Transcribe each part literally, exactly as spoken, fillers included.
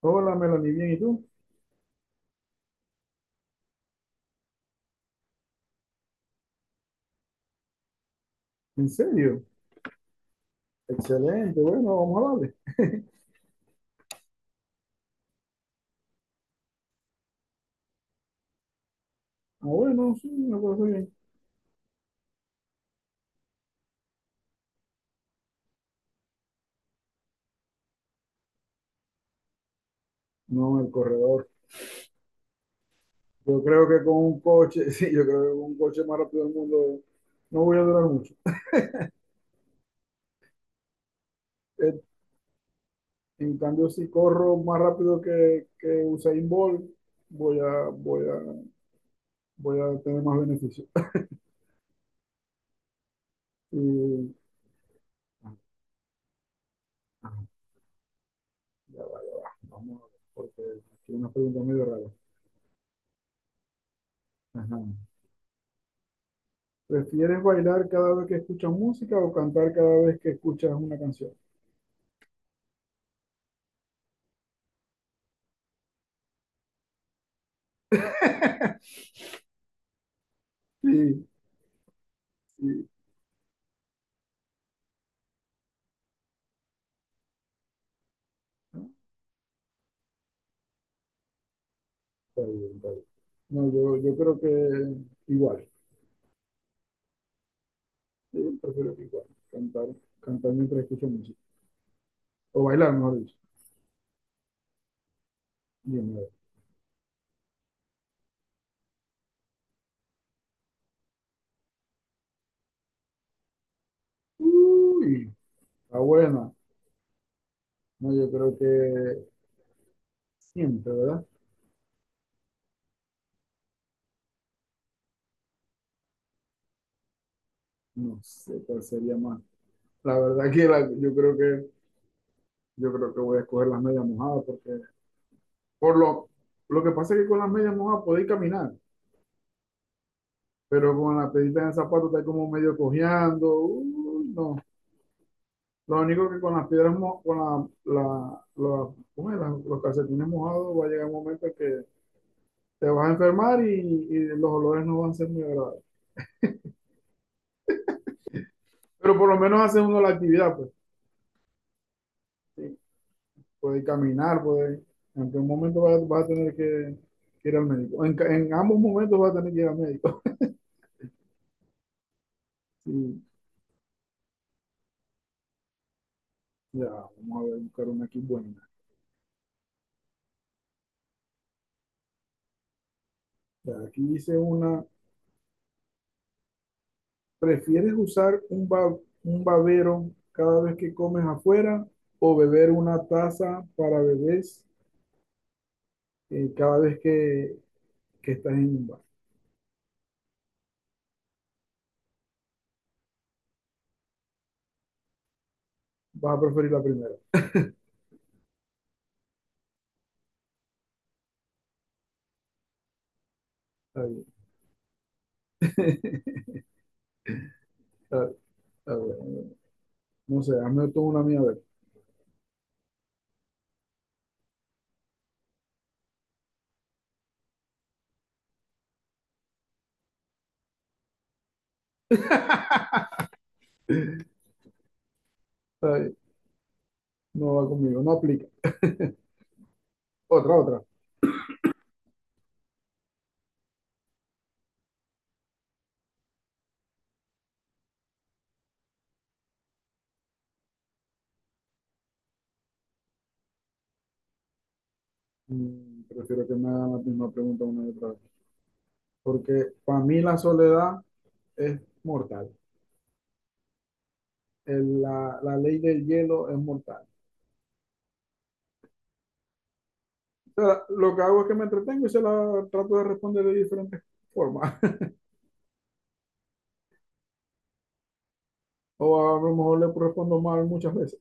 Hola, Melanie, bien, ¿y tú? ¿En serio? Excelente, bueno, vamos a darle. Ah, bueno, sí, me parece bien. No, el corredor. Yo creo que con un coche, sí, yo creo que con un coche más rápido del mundo no voy a durar mucho. Eh, En cambio, si corro más rápido que, que Usain Bolt, voy a, voy a, voy a tener más beneficios. Y, ajá, ya va, ya va. Vamos a ver, porque aquí hay una pregunta medio rara. Ajá. ¿Prefieres bailar cada vez que escuchas música o cantar cada vez que escuchas una canción? Sí, sí. ¿No? Está bien, está bien. No, yo, yo creo que igual. Yo prefiero que igual. Cantar, cantar mientras escucho música. O bailar, mejor dicho. Bien, a ver. Uy, está buena. No, yo creo que siempre, ¿verdad? No sé cuál sería más. La verdad que la- yo creo que yo creo que voy a escoger las medias mojadas porque por lo lo que pasa es que con las medias mojadas podéis caminar, pero con la pedita en el zapato está como medio cojeando. Uy, no. Lo único que con las piedras, mo- con la, la- la- ¿cómo es? Las- los calcetines mojados, va a llegar un momento que te vas a enfermar y, y los olores no van a ser muy agradables. Pero por lo menos hace uno la actividad, pues, sí, puede caminar, puede, en un momento vas, vas a tener que, que ir al médico. En, ca- en ambos momentos vas a tener que ir al médico. Sí, ya, vamos a ver, buscar una aquí buena. Ya, aquí dice una, ¿prefieres usar un, ba- un babero cada vez que comes afuera o beber una taza para bebés? Eh, cada vez que, que estás en un bar. Vas a preferir la primera. Está bien. Está- Está bueno. No sé, hazme tú una mía a ver. Está bien. No va conmigo, no aplica. Otra, otra. Mm, Prefiero que me hagan la misma pregunta una y otra vez. Porque para mí la soledad es mortal. El- la, la ley del hielo es mortal. O sea, lo que hago es que me entretengo y se la trato de responder de diferentes formas. O a lo mejor le respondo mal muchas veces.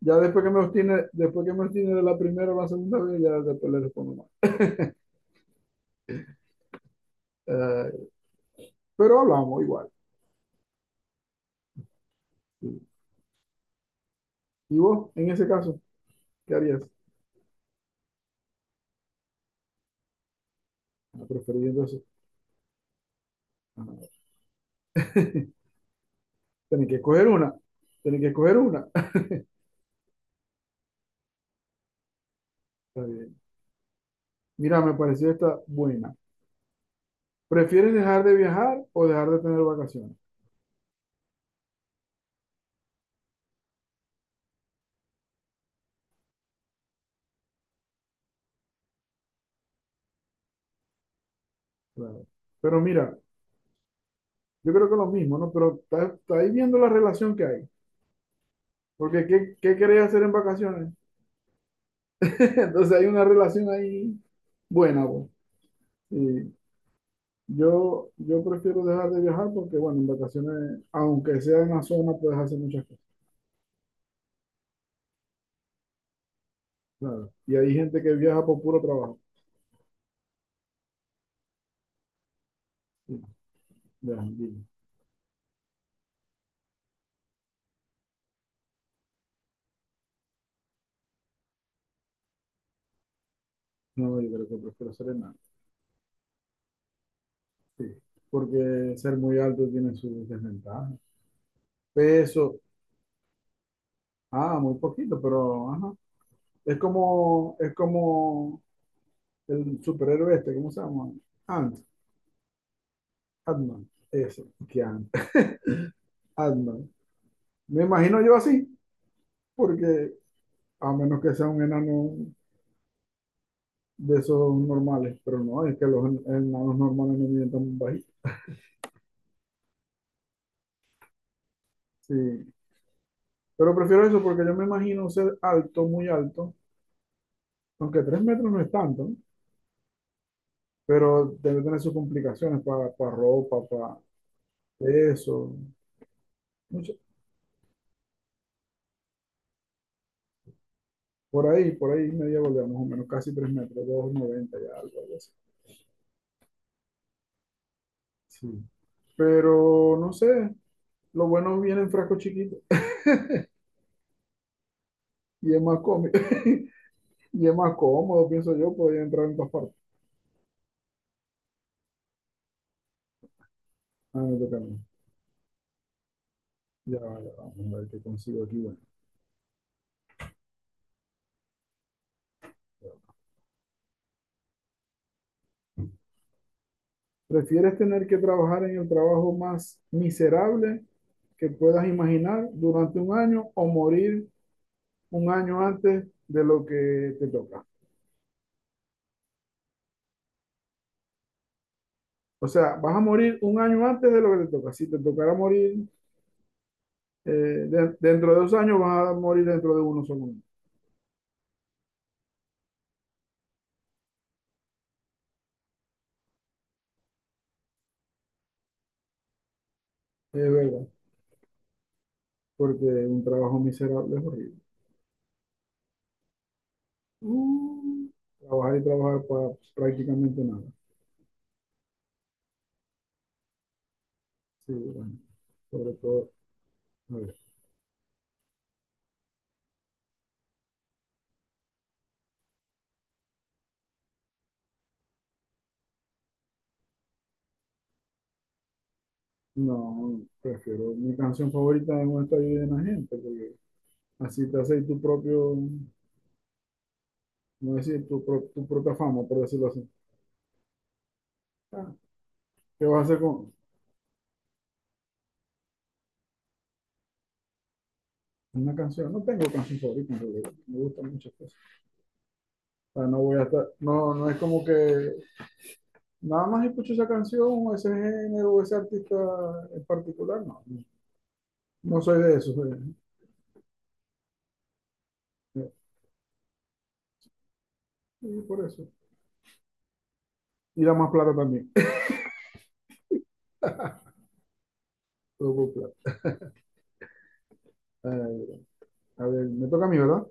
Ya después que me obstine, después que me obstine de la primera o la segunda vez, ya después le respondo más. Eh, pero hablamos igual. ¿Y vos, en ese caso, qué harías? Ah, preferiendo eso. Ah, tenés que escoger una. Tenés que escoger una. Está bien. Mira, me pareció esta buena. ¿Prefieres dejar de viajar o dejar de tener vacaciones? Claro. Pero mira, yo creo que es lo mismo, ¿no? Pero está, está ahí viendo la relación que hay. Porque ¿qué, qué querés hacer en vacaciones? Entonces hay una relación ahí buena, vos. Y Yo, yo prefiero dejar de viajar porque, bueno, en vacaciones, aunque sea en la zona, puedes hacer muchas cosas, claro. Y hay gente que viaja por puro trabajo. Sí, de las anguilas. No, yo creo que prefiero ser enano. Sí, porque ser muy alto tiene sus desventajas. Peso, ah, muy poquito, pero, ajá. Es como, es como el superhéroe este, ¿cómo se llama? Ant, Ant-Man, ese, que Ant, Ant-Man. Me imagino yo así, porque a menos que sea un enano de esos normales, pero no, es que los en- enanos normales no miden tan bajito. Sí, pero prefiero eso porque yo me imagino ser alto, muy alto, aunque tres metros no es tanto, ¿no? Pero debe tener sus complicaciones para ropa, para peso, mucho. Por ahí, por ahí media volea, más o menos, casi tres metros, dos noventa y algo, algo así. Sí. Pero no sé, lo bueno viene en frasco chiquito y es más cómodo, y es más cómodo, pienso yo, podría entrar en todas partes. Ah, me toca a mí. Ya, va, ya, va, vamos a ver qué consigo aquí. Bueno. ¿Prefieres tener que trabajar en el trabajo más miserable que puedas imaginar durante un año o morir un año antes de lo que te toca? O sea, vas a morir un año antes de lo que te toca. Si te tocara morir eh, de- dentro de dos años, vas a morir dentro de uno solo. Es verdad, porque un trabajo miserable es horrible. Uh, Trabajar y trabajar para prácticamente nada. Sí, bueno, sobre todo. A ver, no, prefiero mi canción favorita es un estadio llena de la gente, porque así te haces tu propio, no decir, tu, pro- tu propia fama, por decirlo así. Ah, ¿qué vas a hacer con una canción? No tengo canción favorita, en realidad. Me gustan muchas cosas. O sea, no voy a estar, no, no es como que nada más escucho esa canción o ese género o ese artista en particular, no. No, no soy de eso, soy de- y por eso. Y da más plata también. Todo por plata. Eh, a ver, me toca a mí, ¿verdad?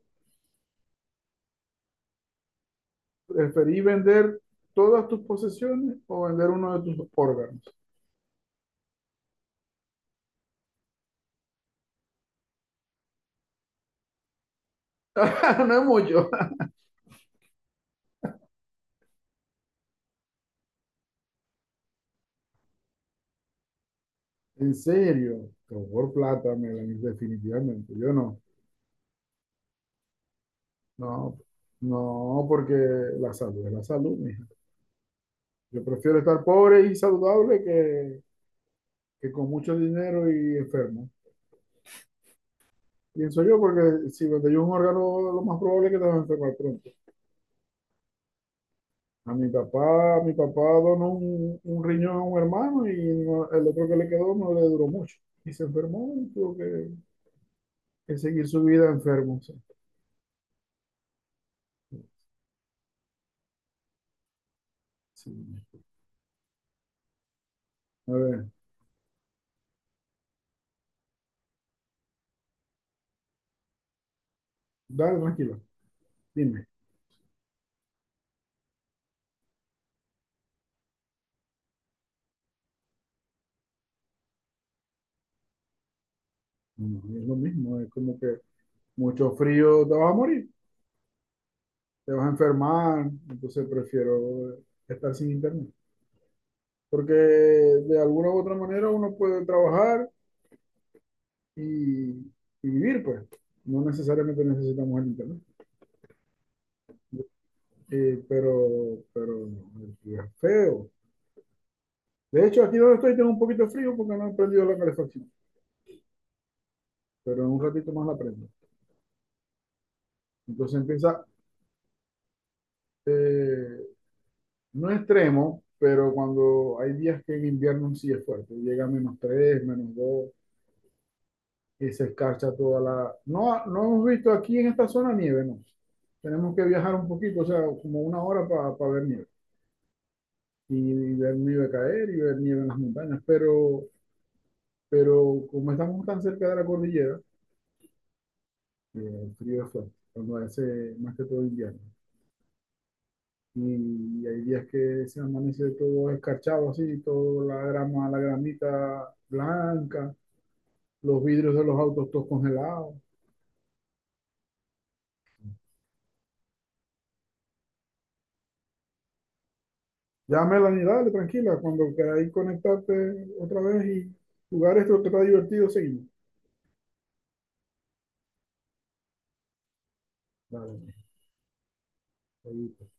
¿Preferí vender todas tus posesiones o vender uno de tus órganos? No es mucho. En serio, pero por plata, Melanie, definitivamente. Yo no, no, no, porque la salud es la salud, mija. Yo prefiero estar pobre y saludable que, que con mucho dinero y enfermo. Pienso yo, porque si me yo un órgano, lo más probable es que te vas a enfermar pronto. A mi papá, mi papá donó un, un riñón a un hermano y no- el otro que le quedó no le duró mucho. Y se enfermó y tuvo que, que seguir su vida enfermo. O sea, sí. A ver, dale, tranquilo, dime. No, es lo mismo, es como que mucho frío te vas a morir, te vas a enfermar, entonces prefiero estar sin internet. Porque de alguna u otra manera uno puede trabajar y, y vivir, pues. No necesariamente necesitamos el internet. Eh, pero, pero el frío es feo. De hecho, aquí donde estoy tengo un poquito de frío porque no he prendido la calefacción, pero en un ratito más la prendo. Entonces empieza, eh, no extremo, pero cuando hay días que en invierno sí es fuerte, llega a menos tres menos y se escarcha toda la. No, no hemos visto aquí en esta zona nieve, no. Tenemos que viajar un poquito, o sea, como una hora para pa ver nieve. Y, y ver nieve caer y ver nieve en las montañas. Pero, pero como estamos tan cerca de la cordillera, eh, el frío es fuerte, cuando hace más que todo invierno. Y, y hay días que se amanece todo escarchado así, toda la grama, la gramita blanca, los vidrios de los autos todos congelados. Ya, Melanie, dale, tranquila. Cuando queráis conectarte otra vez y jugar esto que está divertido, seguimos. Dale, ahí.